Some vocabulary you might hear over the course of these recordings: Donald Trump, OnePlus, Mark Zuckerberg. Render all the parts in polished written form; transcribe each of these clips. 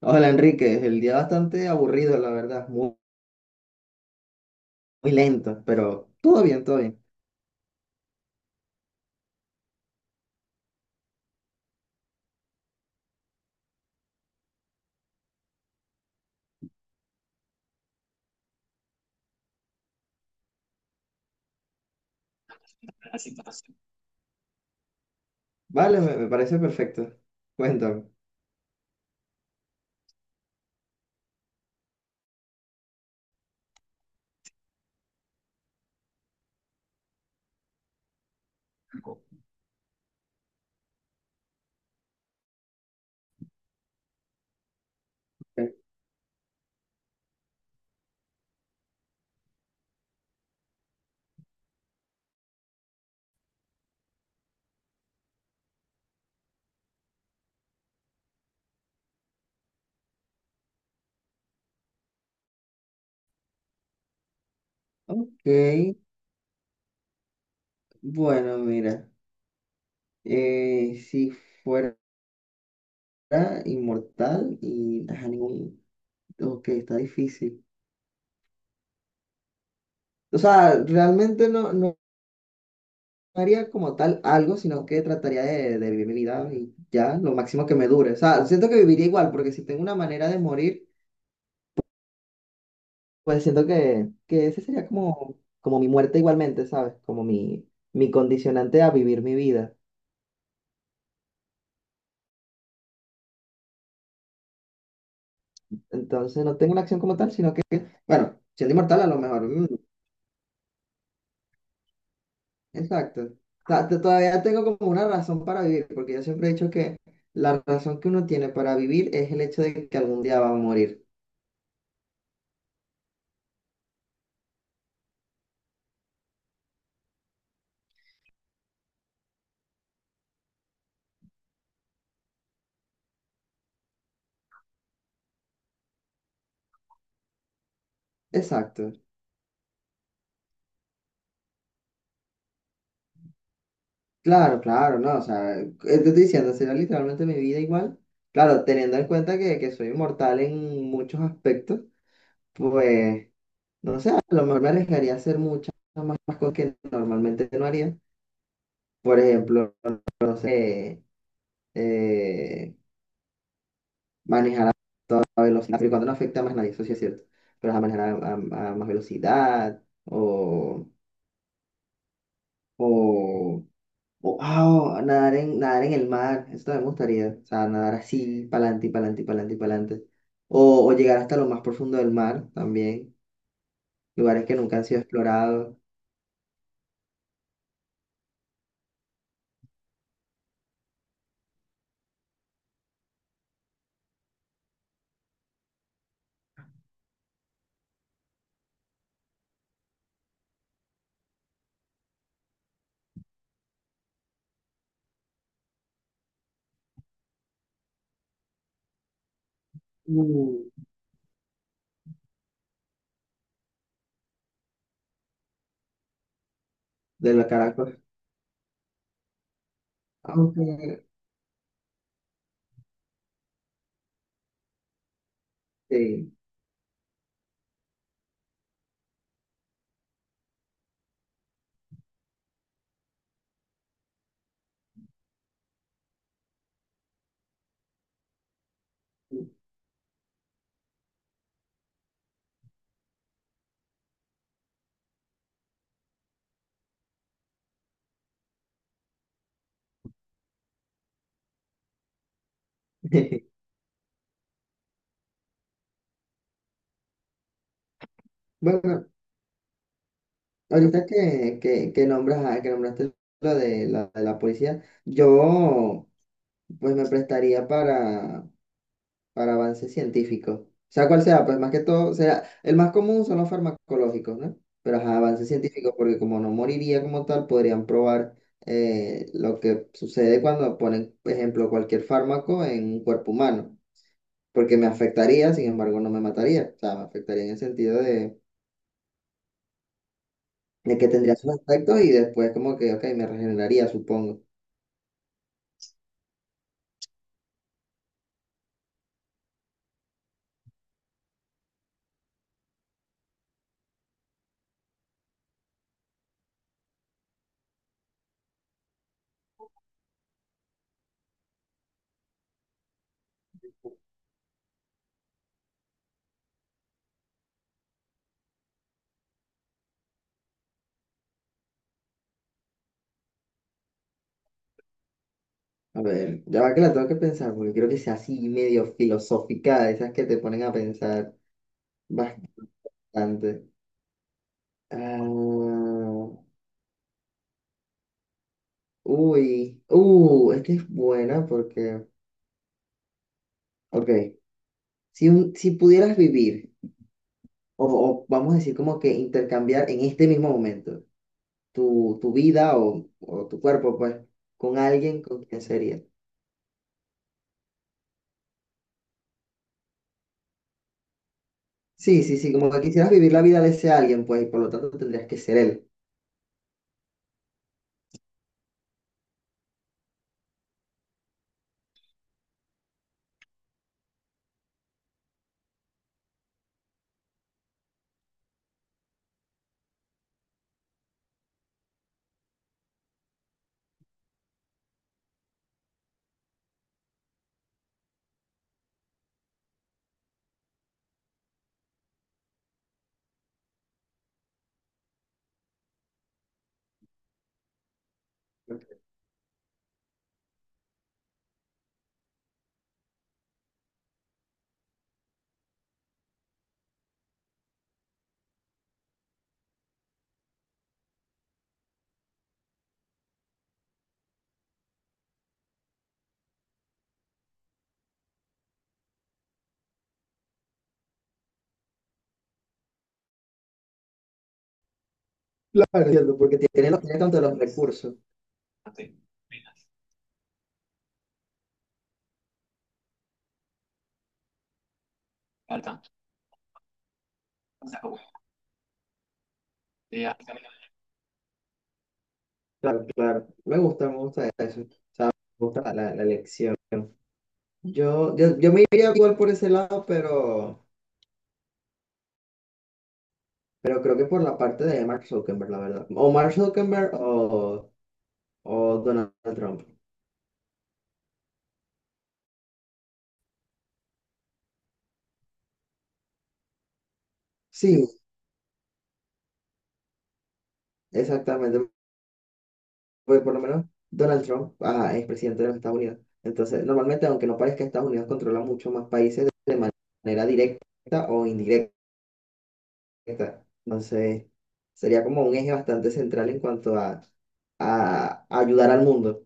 Hola Enrique, el día bastante aburrido, la verdad, muy lento, pero todo bien, todo bien. Vale, me parece perfecto. Cuéntame. Ok, bueno, mira, si fuera inmortal y ajá, ningún... Ok, está difícil. O sea, realmente no haría como tal algo, sino que trataría de vivir mi vida y ya, lo máximo que me dure. O sea, siento que viviría igual, porque si tengo una manera de morir... Pues siento que ese sería como, como mi muerte igualmente, ¿sabes? Como mi condicionante a vivir mi vida. Entonces no tengo una acción como tal, sino bueno, siendo inmortal a lo mejor. Exacto. O sea, todavía tengo como una razón para vivir, porque yo siempre he dicho que la razón que uno tiene para vivir es el hecho de que algún día va a morir. Exacto. Claro, claro, no, o sea, te estoy diciendo, será literalmente mi vida igual. Claro, teniendo en cuenta que soy inmortal en muchos aspectos, pues... No sé, a lo mejor me arriesgaría a hacer muchas más cosas que normalmente no haría. Por ejemplo, no sé, eh, manejar a velocidad, pero cuando no afecta a más nadie, eso sí es cierto. Pero a manejar a más velocidad o, o nadar nadar en el mar, eso también me gustaría. O sea, nadar así, para adelante y para adelante y para adelante y para adelante. O llegar hasta lo más profundo del mar también, lugares que nunca han sido explorados. Uh, de la Caracas. Aunque, sí. Bueno, ahorita que nombraste lo de de la policía, yo pues me prestaría para avances científicos. O sea, cual sea, pues más que todo, o sea, el más común son los farmacológicos, ¿no? Pero ajá, avances científicos, porque como no moriría como tal, podrían probar lo que sucede cuando ponen, por ejemplo, cualquier fármaco en un cuerpo humano, porque me afectaría, sin embargo, no me mataría. O sea, me afectaría en el sentido de que tendría sus aspectos y después como que, ok, me regeneraría, supongo. A ver, ya va que la tengo que pensar, porque creo que sea así medio filosófica, de esas que te ponen a pensar bastante. Ah, uy, esta es buena porque, ok, si, si pudieras vivir, o vamos a decir como que intercambiar en este mismo momento tu vida o tu cuerpo, pues, con alguien, ¿con quién sería? Sí, sí, sí, como que quisieras vivir la vida de ese alguien, pues, y por lo tanto tendrías que ser él. Claro, entiendo, porque tiene, tiene tanto los recursos. Claro, claro. Me gusta eso. O sea, me gusta la elección. Yo me iría igual por ese lado, pero creo que por la parte de Mark Zuckerberg, la verdad. O Mark Zuckerberg o Donald Trump. Sí, exactamente. Porque por lo menos Donald Trump ah, es presidente de los Estados Unidos. Entonces, normalmente, aunque no parezca, Estados Unidos controla mucho más países de manera directa o indirecta. Entonces, sería como un eje bastante central en cuanto a ayudar al mundo.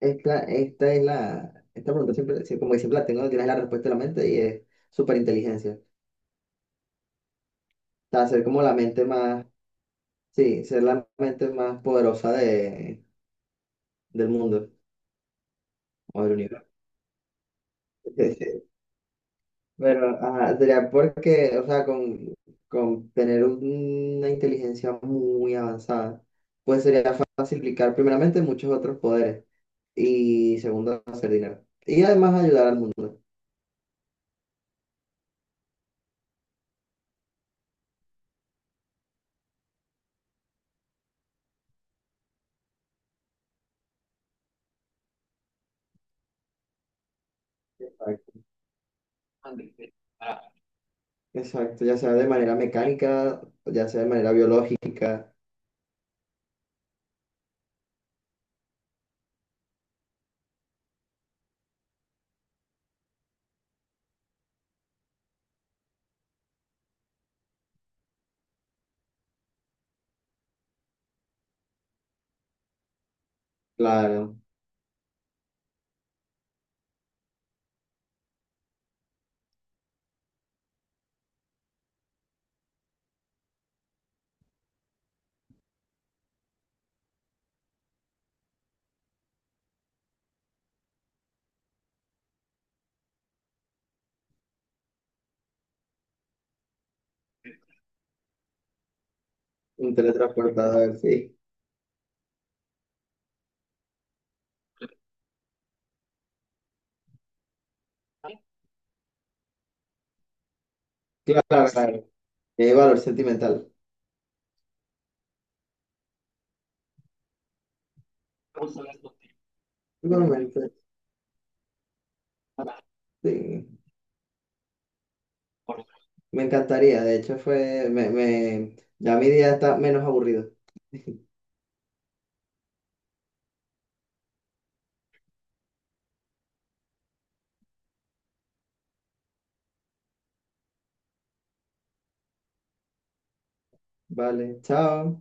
Esta es la, esta pregunta siempre, sí, como que siempre la tengo, tienes la respuesta en la mente y es superinteligencia. O sea, ser como la mente más, sí, ser la mente más poderosa de, del mundo o del universo. Pero, ajá, sería porque, o sea, con tener una inteligencia muy avanzada, pues sería fácil aplicar primeramente muchos otros poderes y segundo, hacer dinero. Y además ayudar al mundo. Exacto. Exacto, ya sea de manera mecánica, ya sea de manera biológica, claro, un teletransportador, sí. Claro, claro. Tiene valor sentimental. Igualmente, sí. Me encantaría, de hecho ya mi día está menos aburrido. Vale, chao.